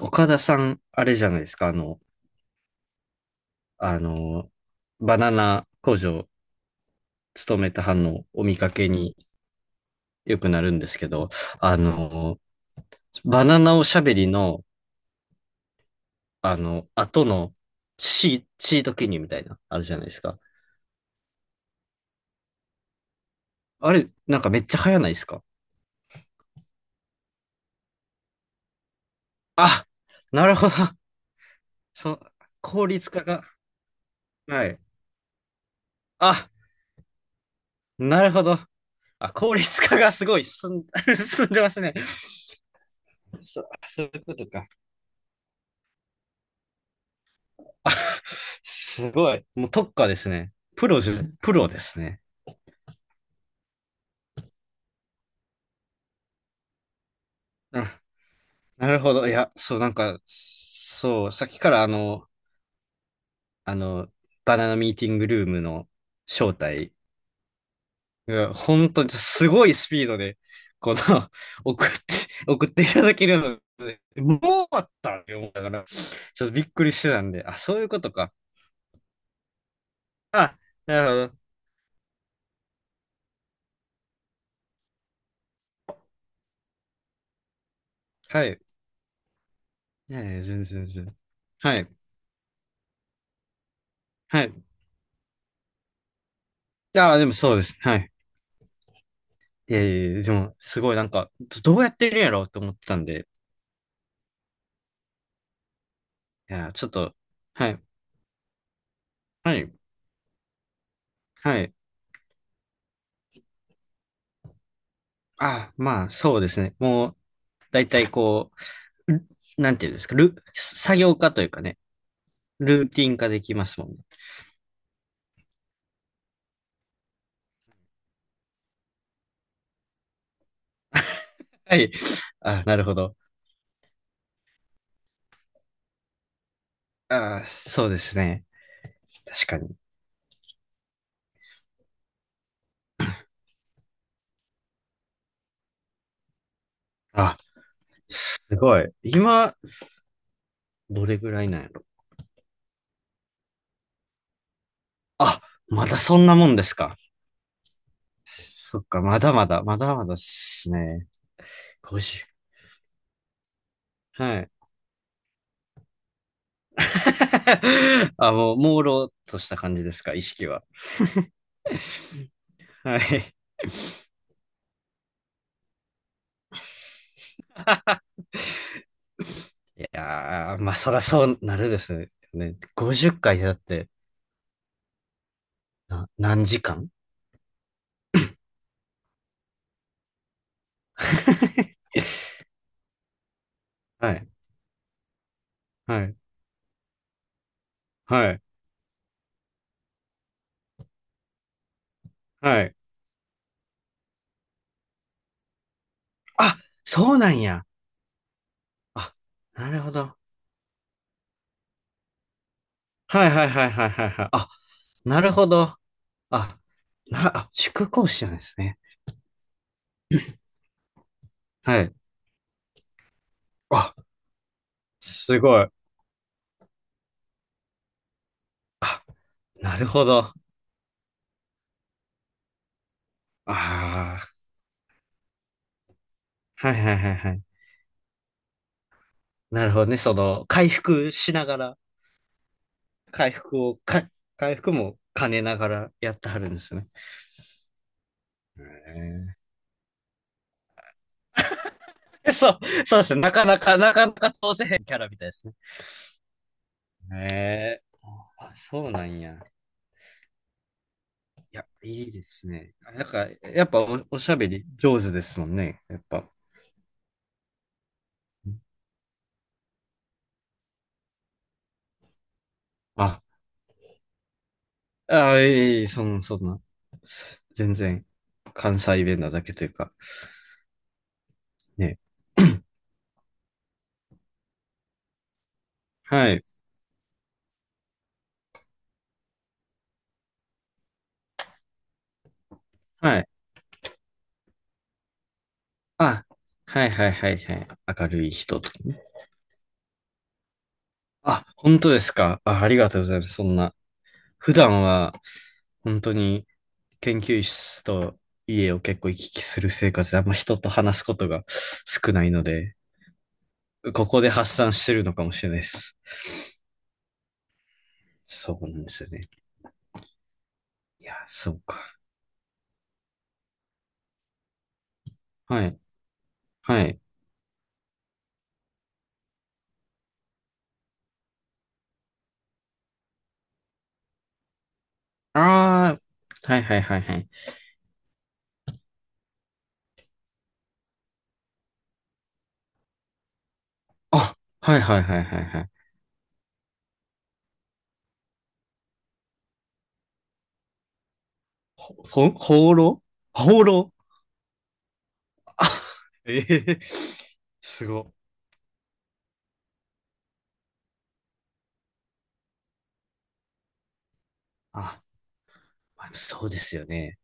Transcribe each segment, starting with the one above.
岡田さん、あれじゃないですか、あの、バナナ工場勤めた班のお見かけによくなるんですけど、あの、バナナおしゃべりの、後のシート記入みたいな、あるじゃないですか。あれ、なんかめっちゃ早ないですかあ。なるほど。そう、効率化が。はい。あ、なるほど。あ、効率化がすごい進んでますね。そ、そういうことか。あすごい。もう特化ですね。プロですね。うん。なるほど。いや、そう、なんか、そう、さっきからあの、バナナミーティングルームの招待が、本当にすごいスピードで、この、送って、送っていただけるので、もう終わったって思ったから、ちょっとびっくりしてたんで、あ、そういうことか。あ、なるほど。はい。いやいや、全然全然。はい。はい。ああ、でもそうです。はい。いやいやいやでも、すごいなんか、どどうやってるんやろうと思ってたんで、いや、ちょっと、はい、はい、はい。あ、まあ、そうですね。もう、だいたいこう、ルなんていうんですか、作業化というかね、ルーティン化できますもんね。はい。あ、なるほど。あ、そうですね。確かに。あ、すごい。今、どれぐらいなんやろ。あ、まだそんなもんですか。そっか、まだまだ、まだまだっすね。50。はい。あ、もう、朦朧とした感じですか、意識は。はい。いやー、まあ、そらそうなるですね。50回だって、何時間 はい、はい、はい、はい。あ、そうなんや。あ、なるほど。はいはいはいはいはいはい。あ、なるほど。あ、塾講師なんですね。はい。あ、すごい。なるほど。ああ、はいはいはいはい。なるほどね。その、回復しながら。回復をか、回復も兼ねながらやってはるんですね。へーそう、そうですね。なかなか、なかなか通せへんキャラみたいですね。ねあ、そうなんや。いや、いいですね。なんか、やっぱおしゃべり上手ですもんね。やっぱ。あ、あ、いえいえ、そんな、そんな。全然、関西弁なだけというか。ね。はい、はい。あ、はいはいはいはい。明るい人とかね。あ、本当ですか。あ、ありがとうございます。そんな。普段は本当に研究室と家を結構行き来する生活であんま人と話すことが少ないので、ここで発散してるのかもしれないです。そうなんですよね。いや、そうか。はい。はい。ああ、はいはいはいはい。あ、はいはいはいはいはい。放浪放浪あ、ええすご。あ、まあそうですよね。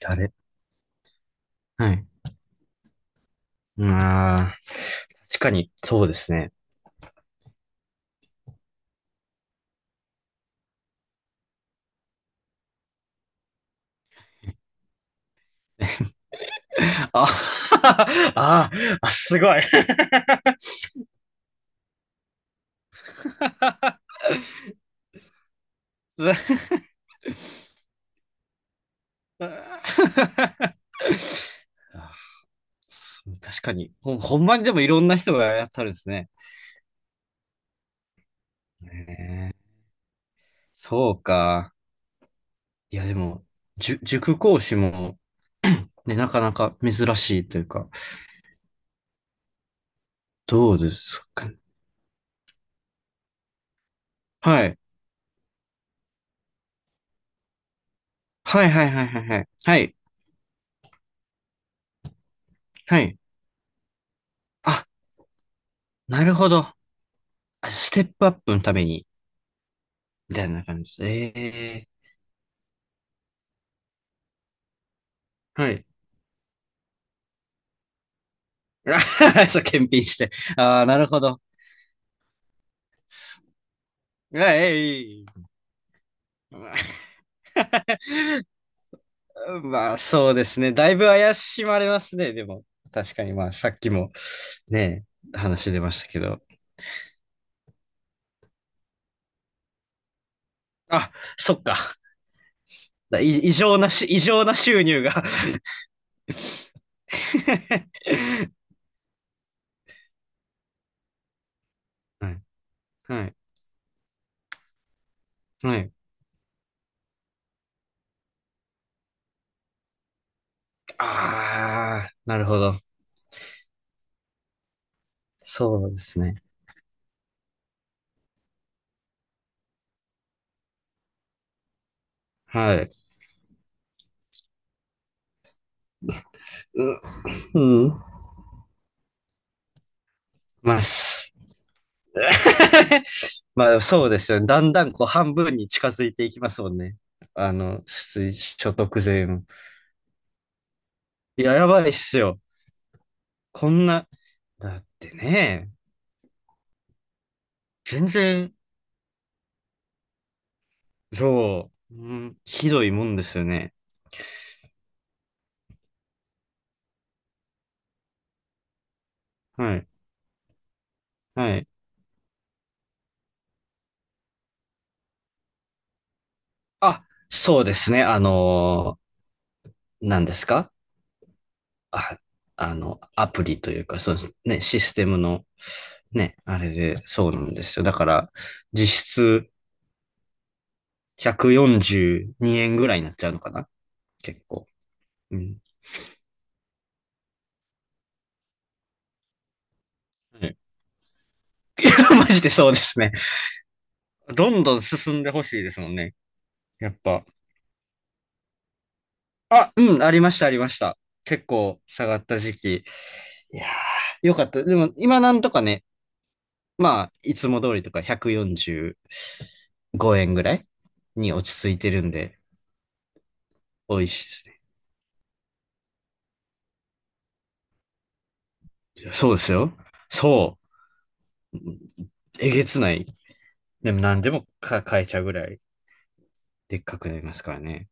誰はい。ああ、確かにそうですね。あ、あ、あ、すごい。確かに。ほんまにでもいろんな人がやったるんですね。ねえそうか。いや、でも、塾講師も ね、なかなか珍しいというか、どうですかね。はい。はいはいはいはいはい。はい。はい。あ、なるほど。あステップアップのために、みたいな感じです。ええはい。あ そう、検品して。ああ、なるほど。あえい。まあ、そうですね。だいぶ怪しまれますね。でも、確かに、まあ、さっきも、ね、話出ましたけど。あ、そっか。だい異常なし、異常な収入が はい。はい。はい。ああ、なるほど。そうですね。はい。う、うん。まあ、す まあそうですよね。だんだんこう半分に近づいていきますもんね。出所得税も。いや、やばいっすよ。こんな、だってね、全然、そう、うん、ひどいもんですよね。はい、はい。あ、そうですね。何ですかあ、アプリというか、そうですね、システムの、ね、あれで、そうなんですよ。だから、実質142円ぐらいになっちゃうのかな結構。うん。はい マジでそうですね。どんどん進んでほしいですもんね。やっぱ。あ、うん、ありました、ありました。結構下がった時期。いやー、よかった。でも、今なんとかね、まあ、いつも通りとか145円ぐらいに落ち着いてるんで、美味しいですね。そうですよ。そう。えげつない。でも何でもか買えちゃうぐらいでっかくなりますからね。